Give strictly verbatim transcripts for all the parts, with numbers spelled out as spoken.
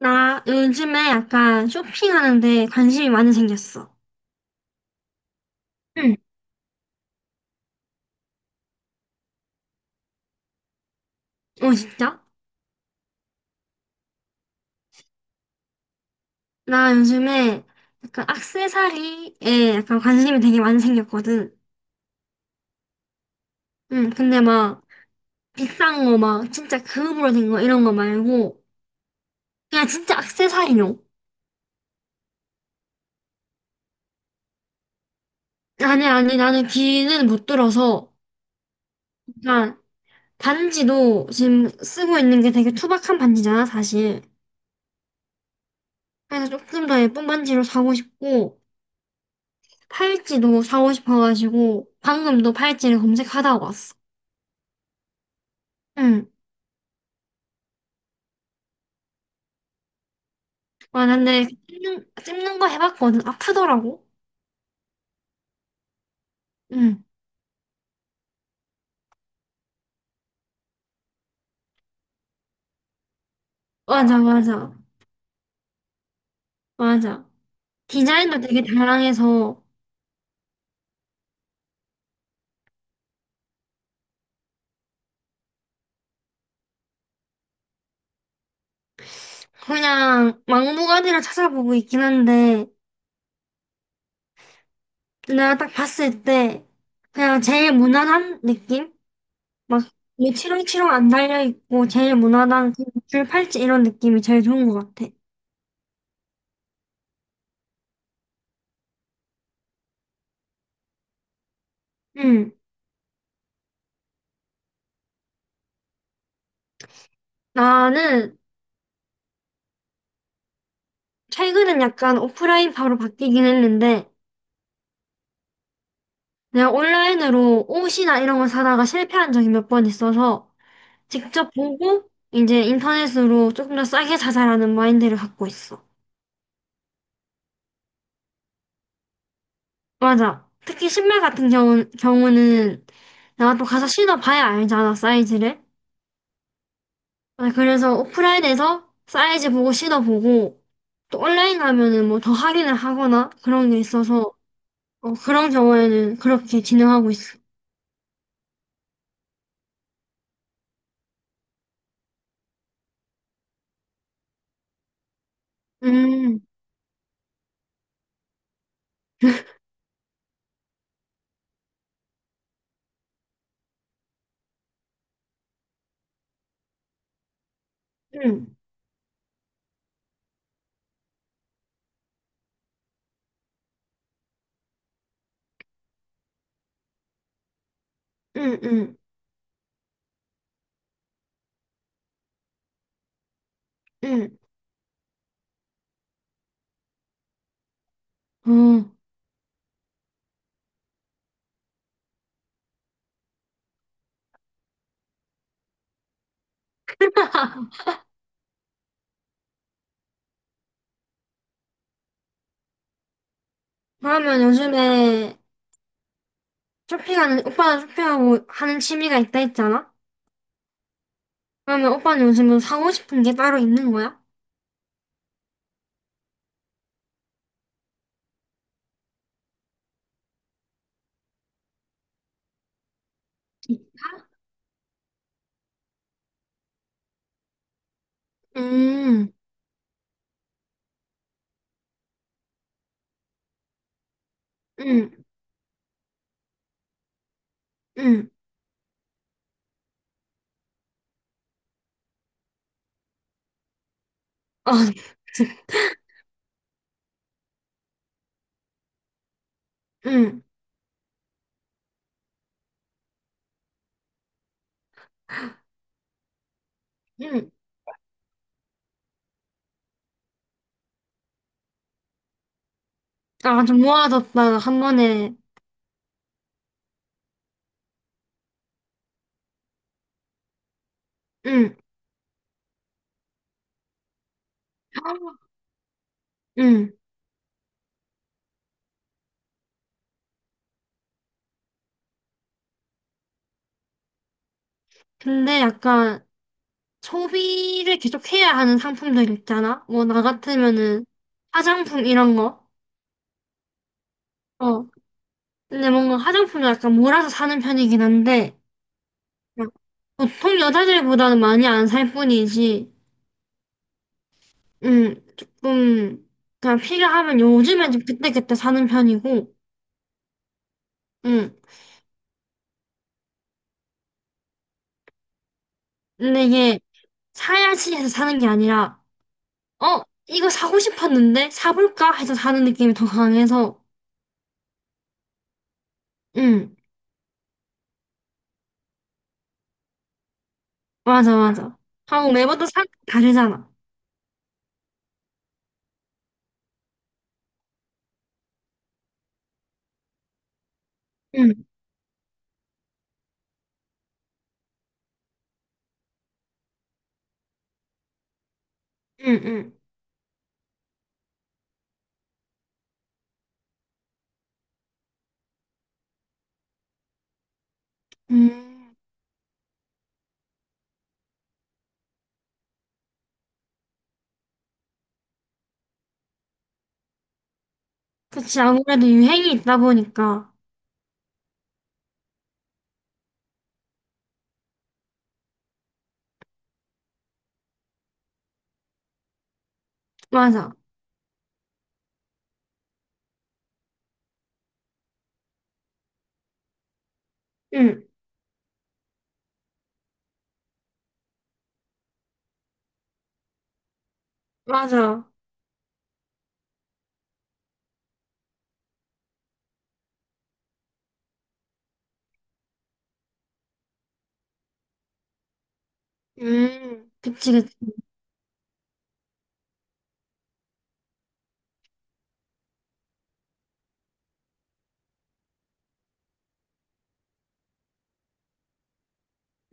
나 요즘에 약간 쇼핑하는데 관심이 많이 생겼어. 응. 어, 진짜? 나 요즘에 약간 액세서리에 약간 관심이 되게 많이 생겼거든. 응, 근데 막 비싼 거 막 진짜 금으로 된 거 이런 거 말고 그냥 진짜 액세서리용. 아니, 아니, 나는 귀는 못 들어서 약간 반지도 지금 쓰고 있는 게 되게 투박한 반지잖아, 사실. 그래서 조금 더 예쁜 반지로 사고 싶고 팔찌도 사고 싶어가지고 방금 도 팔찌를 검색하다가 왔어. 응. 와, 근데 찝는, 찝는 거 해봤거든. 아프더라고. 응. 맞아, 맞아, 맞아. 디자인도 되게 다양해서 그냥 막무가내로 찾아보고 있긴 한데 내가 딱 봤을 때 그냥 제일 무난한 느낌? 막 이게 치렁치렁 안 달려있고 제일 무난한 그줄 팔찌 이런 느낌이 제일 좋은 것 같아. 응. 나는 최근엔 약간 오프라인 파로 바뀌긴 했는데, 내가 온라인으로 옷이나 이런 걸 사다가 실패한 적이 몇 번 있어서, 직접 보고, 이제 인터넷으로 조금 더 싸게 사자라는 마인드를 갖고 있어. 맞아. 특히 신발 같은 경우, 경우는 내가 또 가서 신어봐야 알잖아, 사이즈를. 아, 그래서 오프라인에서 사이즈 보고 신어보고, 또 온라인 가면은 뭐 더 할인을 하거나 그런 게 있어서, 어, 그런 경우에는 그렇게 진행하고 있어. 음, 음. 응, 응, 응. 어, 그러면 요즘에 쇼핑하는, 오빠는 쇼핑하고 하는 취미가 있다 했잖아? 그러면 오빠는 요즘 뭐 사고 싶은 게 따로 있는 거야? 음, 응, 응. 아, 응, 응. 아, 좀 모아뒀다가 한 번에, 응, 응. 근데 약간 소비를 계속 해야 하는 상품들 있잖아? 뭐, 나 같으면은 화장품 이런 거. 어. 근데 뭔가 화장품을 약간 몰아서 사는 편이긴 한데, 그냥 보통 여자들보다는 많이 안 살 뿐이지, 음, 조금, 그냥 필요하면 요즘엔 좀 그때그때 사는 편이고, 음, 근데 이게 사야지 해서 사는 게 아니라, 어, 이거 사고 싶었는데 사볼까 해서 사는 느낌이 더 강해서, 음, 맞아, 맞아. 하고 매번 또 사, 다르잖아. 응, 응, 응. 음, 그치, 아무래도 유행이 있다 보니까. 맞아. 응, 맞아. 음, 그치, 그치.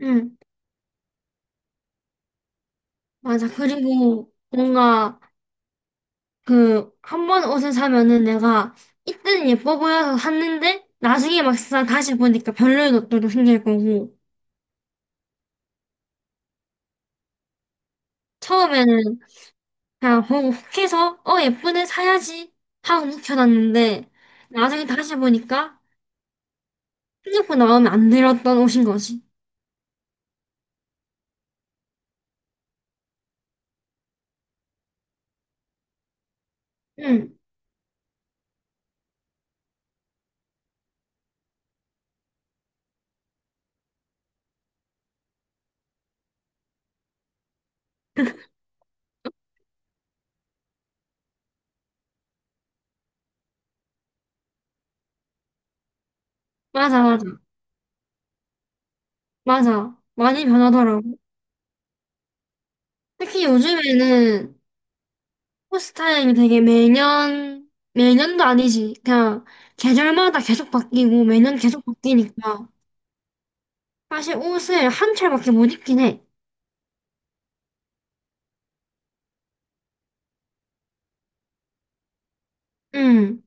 응, 맞아. 그리고 뭔가 그 한 번 옷을 사면은 내가 이때는 예뻐 보여서 샀는데 나중에 막상 다시 보니까 별로인 옷들도 생길 거고 처음에는 그냥 보고 혹해서 어 예쁘네 사야지 하고 묵혀놨는데 나중에 다시 보니까 생각보다 마음에 안 들었던 옷인 거지. 응. 맞아, 맞아, 맞아, 많이 변하더라고. 특히 요즘에는 스타일이 되게 매년, 매년도 아니지. 그냥 계절마다 계속 바뀌고 매년 계속 바뀌니까. 사실 옷을 한 철밖에 못 입긴 해. 응,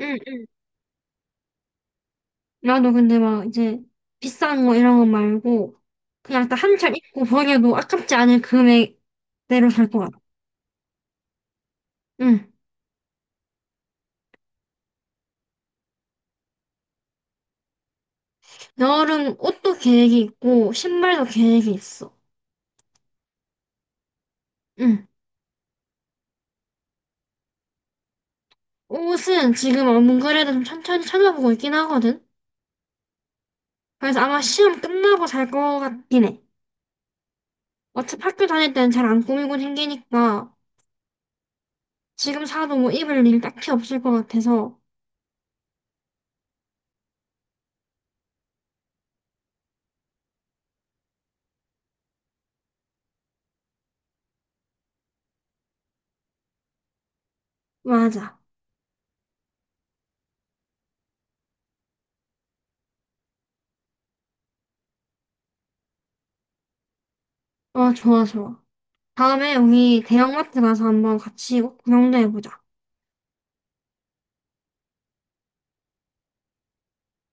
응, 응. 나도 근데 막 이제 비싼 거 이런 거 말고 그냥 딱 한 철 입고 버려도 아깝지 않을 금액대로 살 것 같아. 응. 여름 옷도 계획이 있고 신발도 계획이 있어. 응. 옷은 지금 안 그래도 좀 천천히 찾아보고 있긴 하거든. 그래서 아마 시험 끝나고 살 것 같긴 해. 어차피 학교 다닐 때는 잘 안 꾸미고 생기니까 지금 사도 뭐 입을 일 딱히 없을 것 같아서 맞아. 어, 좋아, 좋아. 다음에 우리 대형마트 가서 한번 같이 구경도 해보자.